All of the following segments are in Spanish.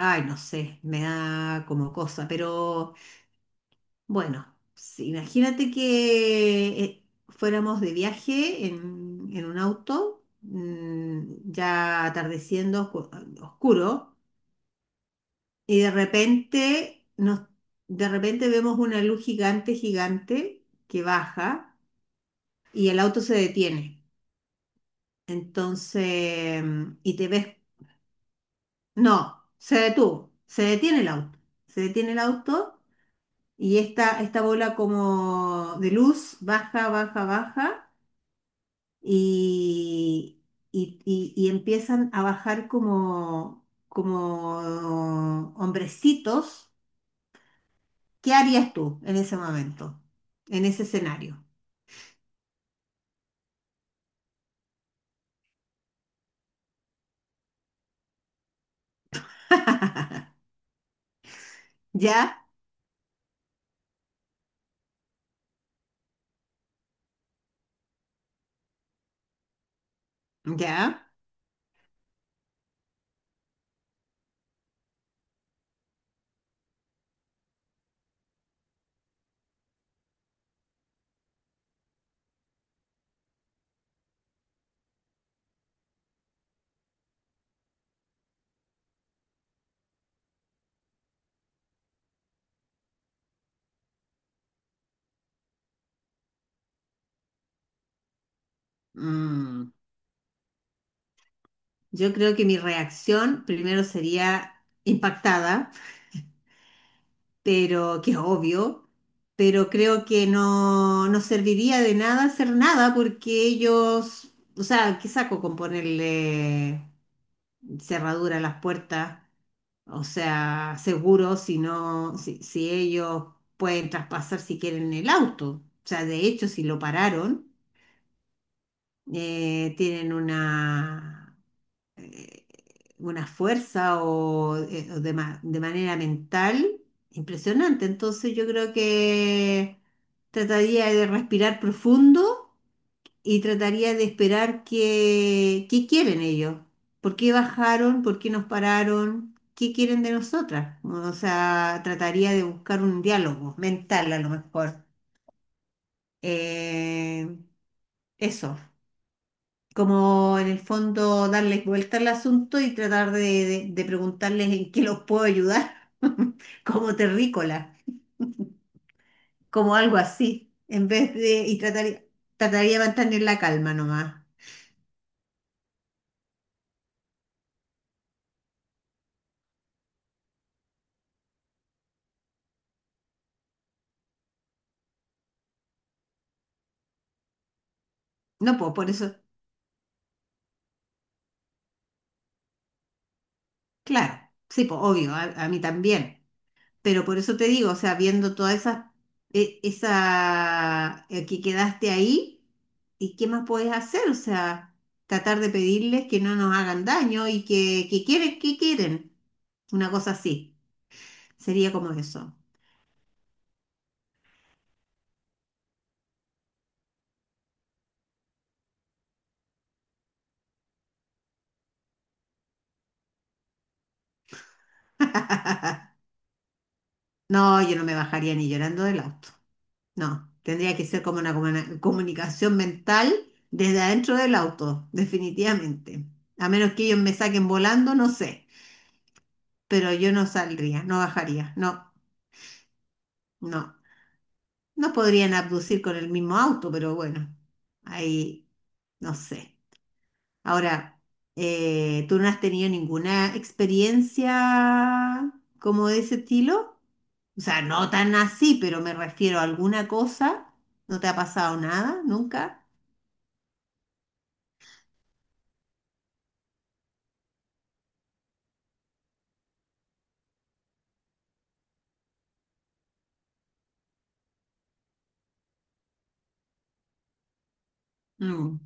Ay, no sé, me da como cosa, pero bueno, sí, imagínate que fuéramos de viaje en un auto, ya atardeciendo, oscuro, y de repente, vemos una luz gigante, gigante, que baja y el auto se detiene. Entonces, y te ves, no, se detuvo, se detiene el auto, se detiene el auto. Y esta bola como de luz baja, baja, baja y, y empiezan a bajar como hombrecitos. ¿Qué harías tú en ese momento, en ese escenario? ¿Ya? ¿Ya? Mm. Yo creo que mi reacción primero sería impactada, pero que es obvio, pero creo que no, no serviría de nada hacer nada porque ellos, o sea, ¿qué saco con ponerle cerradura a las puertas? O sea, seguro si no, si ellos pueden traspasar si quieren el auto. O sea, de hecho, si lo pararon, tienen una, eh, una fuerza o, o de manera mental impresionante. Entonces yo creo que trataría de respirar profundo y trataría de esperar qué quieren ellos, por qué bajaron, por qué nos pararon, qué quieren de nosotras. O sea, trataría de buscar un diálogo mental a lo mejor. Eh, eso, como en el fondo darles vuelta al asunto y tratar de preguntarles en qué los puedo ayudar, como terrícola, como algo así, en vez de, y tratar, trataría de mantener la calma nomás. No, pues por eso, claro, sí, pues obvio, a mí también. Pero por eso te digo, o sea, viendo toda esa, que quedaste ahí, ¿y qué más puedes hacer? O sea, tratar de pedirles que no nos hagan daño y que quieren, que quieren. Una cosa así. Sería como eso. No, yo no me bajaría ni llorando del auto. No, tendría que ser como una comunicación mental desde adentro del auto, definitivamente. A menos que ellos me saquen volando, no sé. Pero yo no saldría, no bajaría. No, no. No podrían abducir con el mismo auto, pero bueno, ahí no sé. Ahora, ¿tú no has tenido ninguna experiencia como de ese estilo? O sea, no tan así, pero me refiero a alguna cosa. ¿No te ha pasado nada? ¿Nunca? Mm,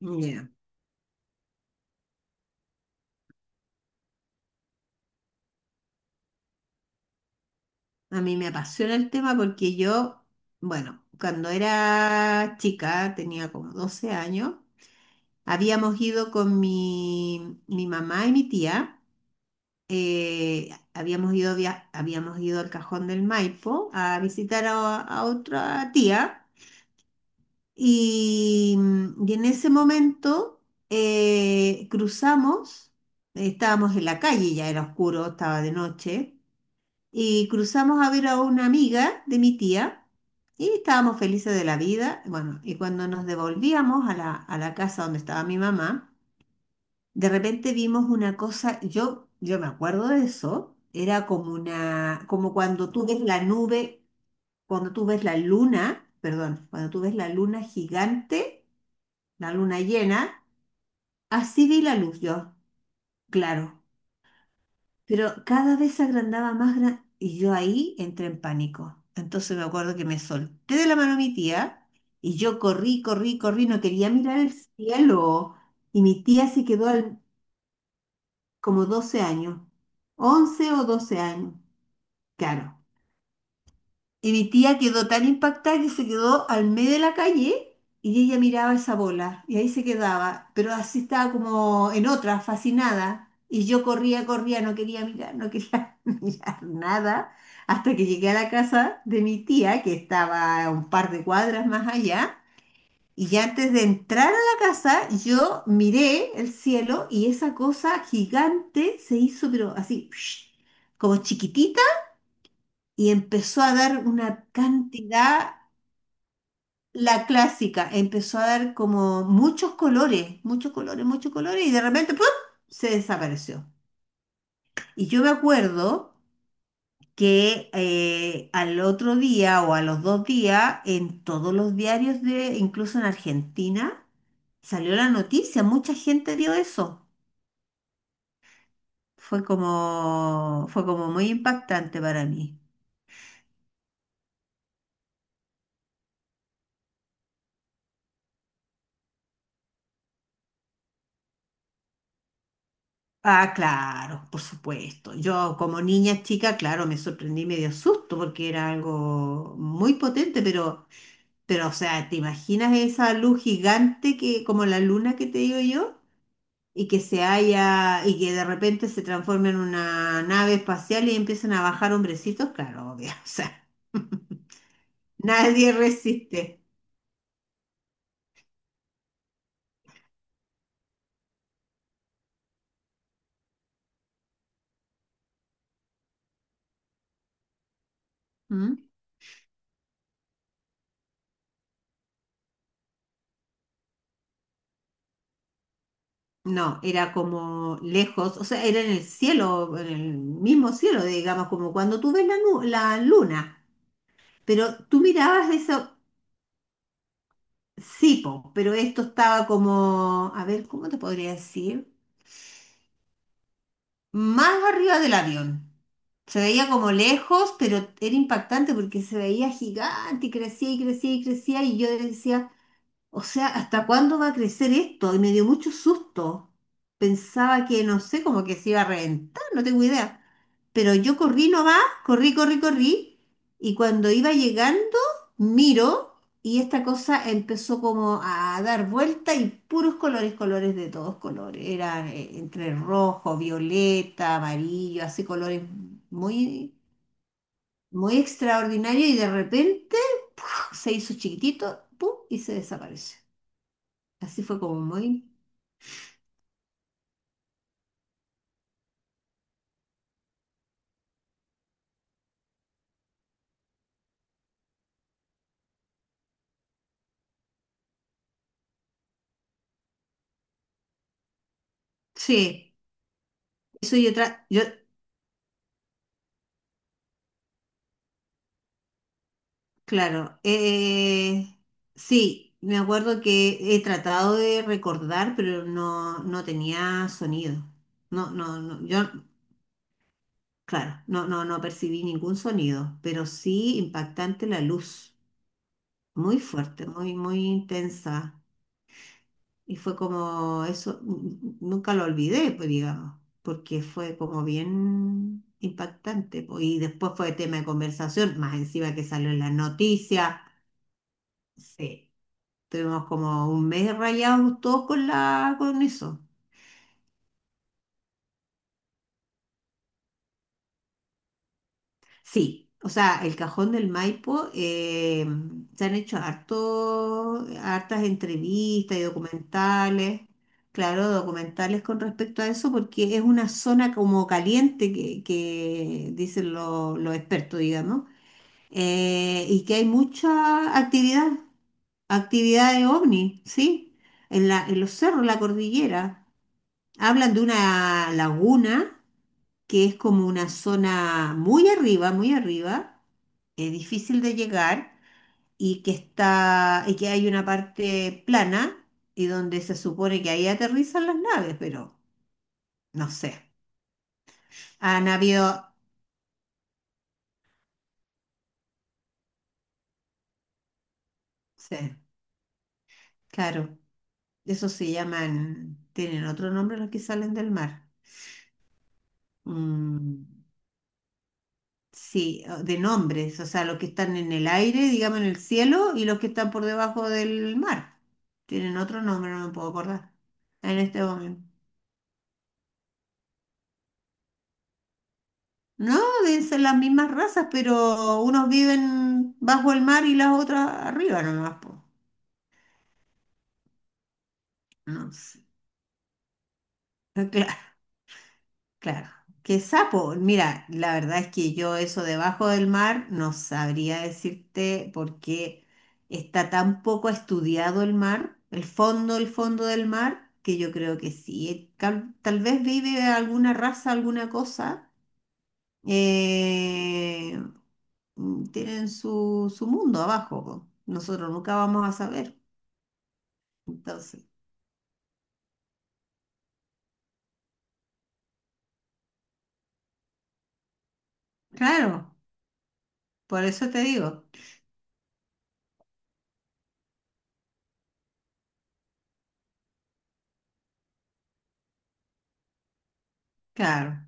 ya. A mí me apasiona el tema porque yo, bueno, cuando era chica, tenía como 12 años, habíamos ido con mi mamá y mi tía. Habíamos ido al Cajón del Maipo a visitar a otra tía y, y en ese momento cruzamos, estábamos en la calle, ya era oscuro, estaba de noche, y cruzamos a ver a una amiga de mi tía y estábamos felices de la vida. Bueno, y cuando nos devolvíamos a la casa donde estaba mi mamá, de repente vimos una cosa, yo me acuerdo de eso, era como una, como cuando tú ves la nube, cuando tú ves la luna, perdón, cuando tú ves la luna gigante, la luna llena, así vi la luz yo, claro, pero cada vez se agrandaba y yo ahí entré en pánico. Entonces me acuerdo que me solté de la mano a mi tía y yo corrí, corrí, corrí, no quería mirar el cielo y mi tía se quedó al, como 12 años, 11 o 12 años, claro. Y mi tía quedó tan impactada que se quedó al medio de la calle y ella miraba esa bola y ahí se quedaba, pero así estaba como en otra, fascinada. Y yo corría, corría, no quería mirar, no quería mirar nada, hasta que llegué a la casa de mi tía, que estaba a un par de cuadras más allá. Y ya antes de entrar a la casa, yo miré el cielo y esa cosa gigante se hizo, pero así, como chiquitita, y empezó a dar una cantidad, la clásica, empezó a dar como muchos colores, muchos colores, muchos colores, y de repente, ¡pum!, se desapareció. Y yo me acuerdo que al otro día o a los 2 días, en todos los diarios de, incluso en Argentina, salió la noticia, mucha gente vio eso. Fue como muy impactante para mí. Ah, claro, por supuesto. Yo como niña chica, claro, me sorprendí medio susto porque era algo muy potente, pero, o sea, ¿te imaginas esa luz gigante que, como la luna que te digo yo? Y que se haya, y que de repente se transforme en una nave espacial y empiezan a bajar hombrecitos, claro, obvio, o sea, nadie resiste. ¿Mm? No, era como lejos, o sea, era en el cielo, en el mismo cielo, digamos, como cuando tú ves la luna, pero tú mirabas eso, sí, po, pero esto estaba como, a ver, ¿cómo te podría decir? Más arriba del avión. Se veía como lejos, pero era impactante porque se veía gigante y crecía y crecía y crecía y yo decía, o sea, ¿hasta cuándo va a crecer esto? Y me dio mucho susto. Pensaba que, no sé, como que se iba a reventar, no tengo idea. Pero yo corrí nomás, corrí, corrí, corrí y cuando iba llegando, miro y esta cosa empezó como a dar vuelta y puros colores, colores de todos colores. Era, entre rojo, violeta, amarillo, así colores muy muy extraordinario y de repente ¡puf! Se hizo chiquitito, ¡pum! Y se desapareció. Así fue como muy... Sí, eso yo, claro, sí, me acuerdo que he tratado de recordar, pero no, no tenía sonido. No, no, no, yo, claro, no, no, no percibí ningún sonido, pero sí impactante la luz, muy fuerte, muy, muy intensa. Y fue como eso, nunca lo olvidé, pues digamos, porque fue como bien impactante, pues. Y después fue tema de conversación, más encima que salió en las noticias. Sí, tuvimos como un mes rayados todos con con eso. Sí, o sea, el Cajón del Maipo, se han hecho harto, hartas entrevistas y documentales, claro, documentales con respecto a eso, porque es una zona como caliente que dicen los expertos, digamos, y que hay mucha actividad, actividad de ovni, ¿sí? En la, en los cerros, la cordillera. Hablan de una laguna que es como una zona muy arriba, muy arriba, difícil de llegar y que está, y que hay una parte plana y donde se supone que ahí aterrizan las naves, pero no sé. Han habido, sí, claro, eso se llaman, tienen otro nombre los que salen del mar. Mm, sí, de nombres, o sea, los que están en el aire, digamos en el cielo, y los que están por debajo del mar. Tienen otro nombre, no me puedo acordar en este momento. No, deben ser las mismas razas, pero unos viven bajo el mar y las otras arriba nomás, po. No sé. Ah, claro, claro. ¿Qué sapo? Mira, la verdad es que yo eso debajo del mar no sabría decirte por qué está tan poco estudiado el mar, el fondo del mar, que yo creo que sí. Tal vez vive alguna raza, alguna cosa, eh, tienen su mundo abajo, po. Nosotros nunca vamos a saber. Entonces, claro, por eso te digo, claro,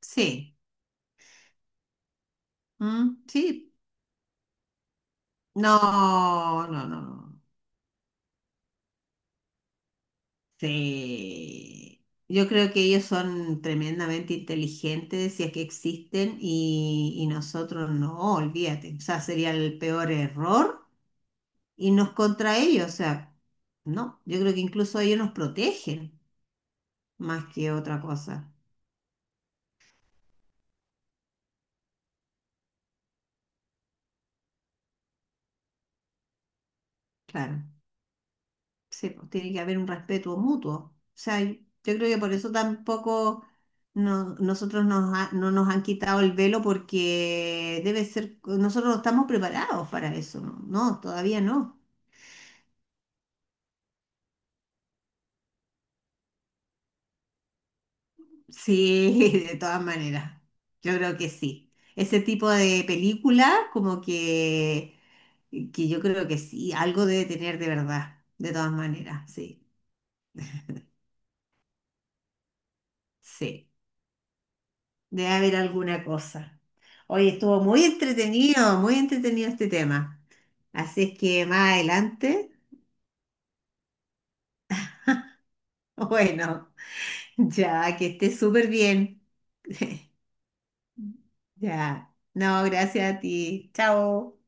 sí, mm, sí, no, no, no, no, sí. Yo creo que ellos son tremendamente inteligentes, si es que existen, y nosotros no, olvídate. O sea, sería el peor error irnos contra ellos. O sea, no, yo creo que incluso ellos nos protegen, más que otra cosa. Claro, sí, pues, tiene que haber un respeto mutuo. O sea, yo creo que por eso tampoco nosotros no nos han quitado el velo porque debe ser, nosotros no estamos preparados para eso, ¿no? No, todavía no. Sí, de todas maneras, yo creo que sí. Ese tipo de película, como que yo creo que sí, algo debe tener de verdad, de todas maneras, sí, sí. Debe haber alguna cosa. Hoy estuvo muy entretenido este tema. Así es que más adelante, bueno, ya que estés súper bien. Ya. No, gracias a ti. Chao.